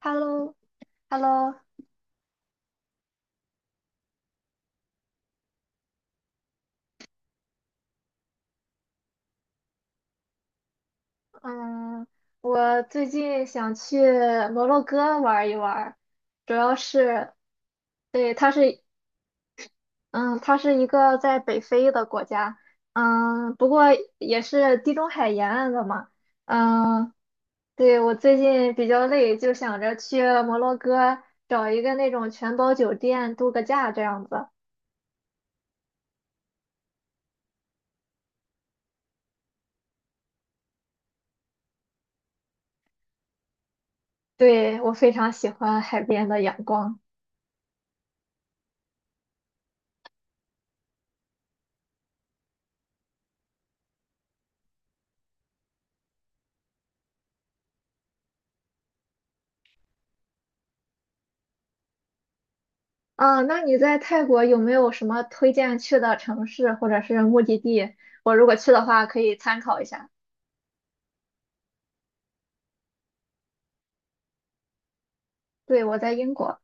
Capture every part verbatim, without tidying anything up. Hello，Hello，嗯，我最近想去摩洛哥玩一玩。主要是，对，它是，嗯，它是一个在北非的国家。嗯，不过也是地中海沿岸的嘛。嗯，对，我最近比较累，就想着去摩洛哥找一个那种全包酒店度个假这样子。对，我非常喜欢海边的阳光。啊，那你在泰国有没有什么推荐去的城市或者是目的地？我如果去的话，可以参考一下。对，我在英国。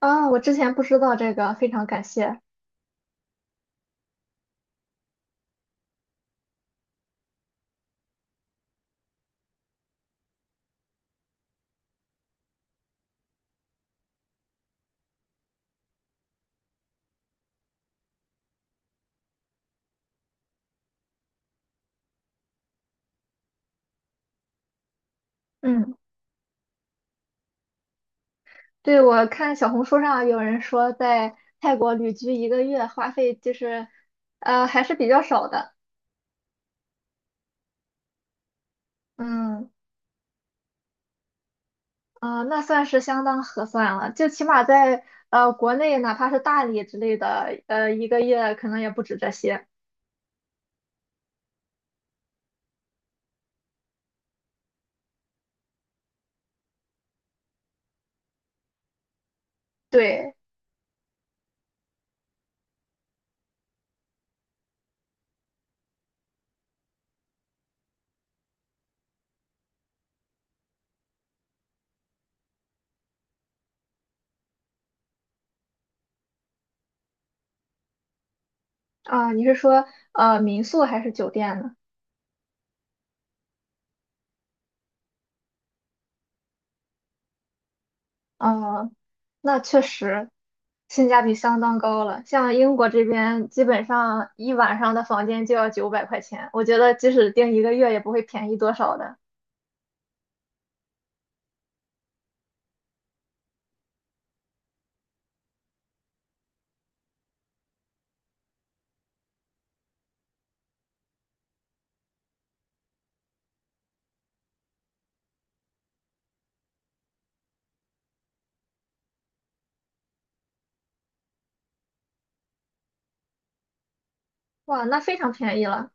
啊，我之前不知道这个，非常感谢。嗯，对，我看小红书上有人说，在泰国旅居一个月花费就是，呃，还是比较少的。嗯。啊，那算是相当合算了。就起码在呃国内，哪怕是大理之类的，呃，一个月可能也不止这些。对。啊，你是说呃民宿还是酒店呢？啊，那确实性价比相当高了。像英国这边，基本上一晚上的房间就要九百块钱，我觉得即使订一个月也不会便宜多少的。哇，那非常便宜了。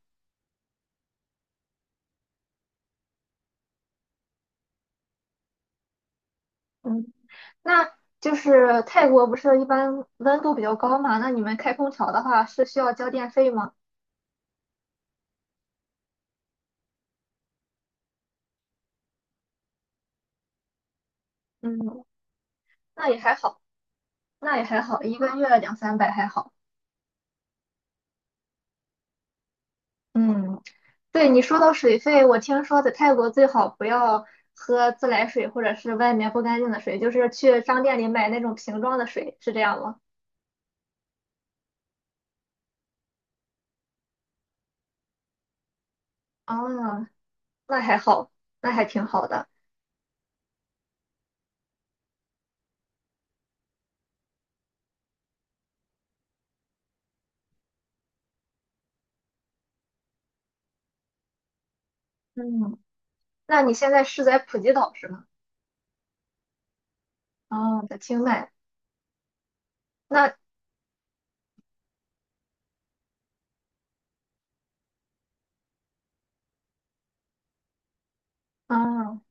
嗯，那就是泰国不是一般温度比较高嘛？那你们开空调的话是需要交电费吗？嗯，那也还好，那也还好，一个月两三百还好。嗯。对你说到水费，我听说在泰国最好不要喝自来水或者是外面不干净的水，就是去商店里买那种瓶装的水，是这样吗？啊，那还好，那还挺好的。嗯，那你现在是在普吉岛是吗？哦，在清迈。那，嗯，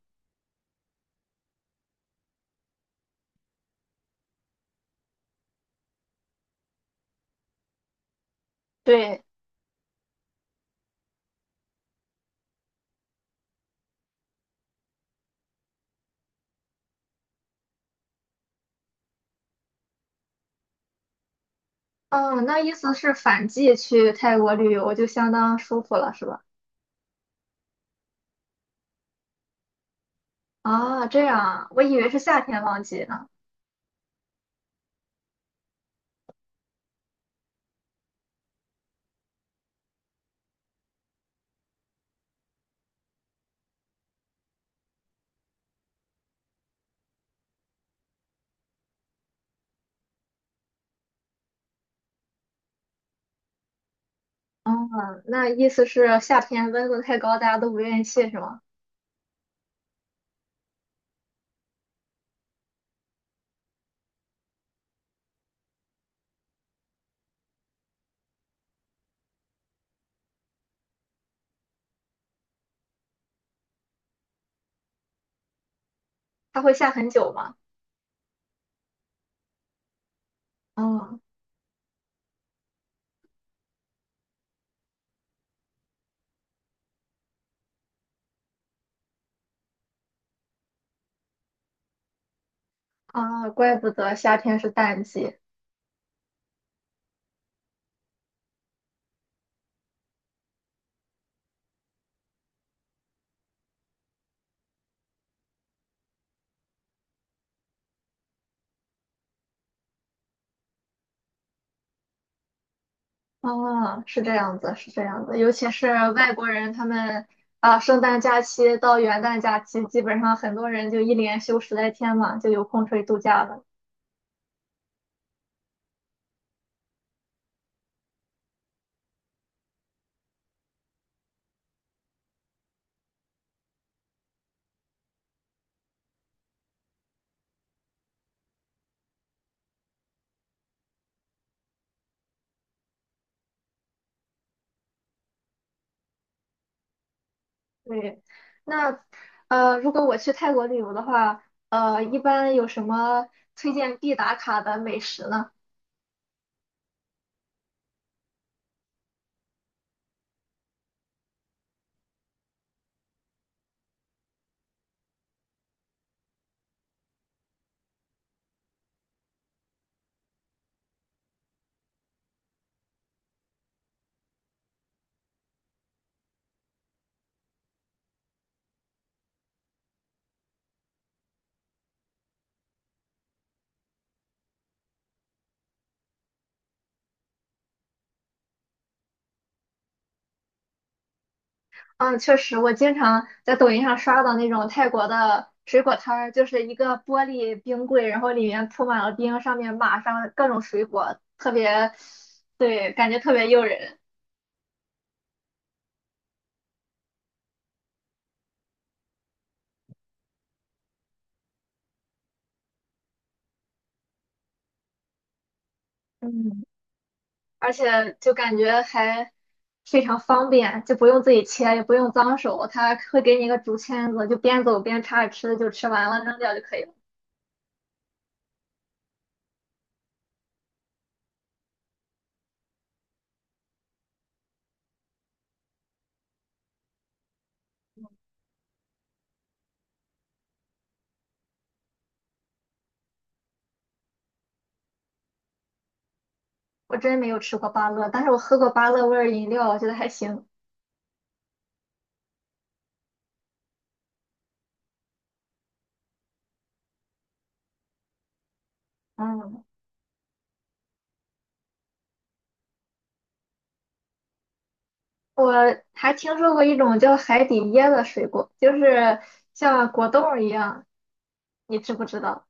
对，嗯，那意思是反季去泰国旅游就相当舒服了，是吧？啊，这样啊，我以为是夏天旺季呢。哦，那意思是夏天温度太高，大家都不愿意去，是吗？它会下很久吗？哦啊，怪不得夏天是淡季。哦，是这样子，是这样子。尤其是外国人，他们啊，圣诞假期到元旦假期，基本上很多人就一连休十来天嘛，就有空出去度假了。对，那呃，如果我去泰国旅游的话，呃，一般有什么推荐必打卡的美食呢？嗯，确实，我经常在抖音上刷到那种泰国的水果摊儿，就是一个玻璃冰柜，然后里面铺满了冰，上面码上各种水果，特别，对，感觉特别诱人。嗯，而且就感觉还非常方便，就不用自己切，也不用脏手，他会给你一个竹签子，就边走边插着吃，就吃完了扔掉就可以了。我真没有吃过芭乐，但是我喝过芭乐味儿饮料，我觉得还行。嗯。我还听说过一种叫海底椰的水果，就是像果冻儿一样，你知不知道？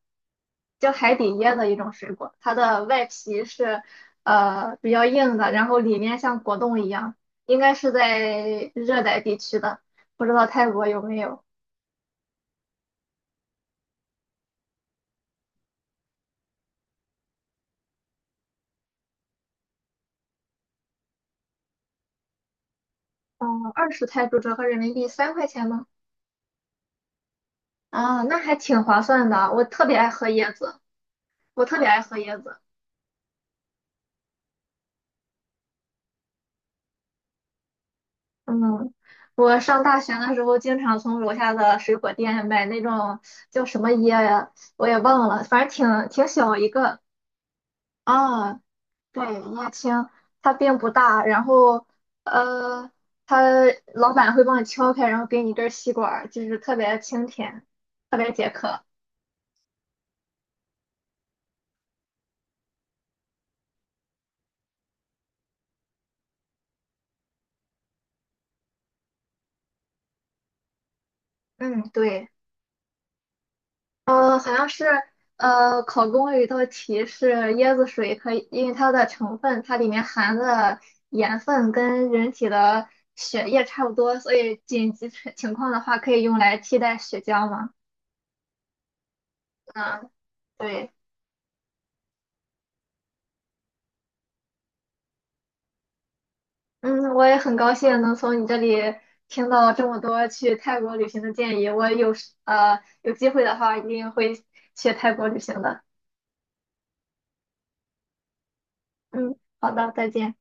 叫海底椰的一种水果，它的外皮是呃比较硬的，然后里面像果冻一样，应该是在热带地区的，不知道泰国有没有？嗯，二十泰铢折合人民币三块钱吗？啊，那还挺划算的。我特别爱喝椰子，我特别爱喝椰子。嗯，我上大学的时候，经常从楼下的水果店买那种叫什么椰呀，我也忘了，反正挺挺小一个。啊，对，椰青，它并不大，然后呃，它老板会帮你敲开，然后给你一根吸管儿就是特别清甜，特别解渴。嗯，对。呃，好像是呃，考公有一道题是椰子水可以，因为它的成分，它里面含的盐分跟人体的血液差不多，所以紧急情情况的话可以用来替代血浆嘛。嗯，对。嗯，我也很高兴能从你这里听到这么多去泰国旅行的建议，我有时呃有机会的话一定会去泰国旅行的。嗯，好的，再见。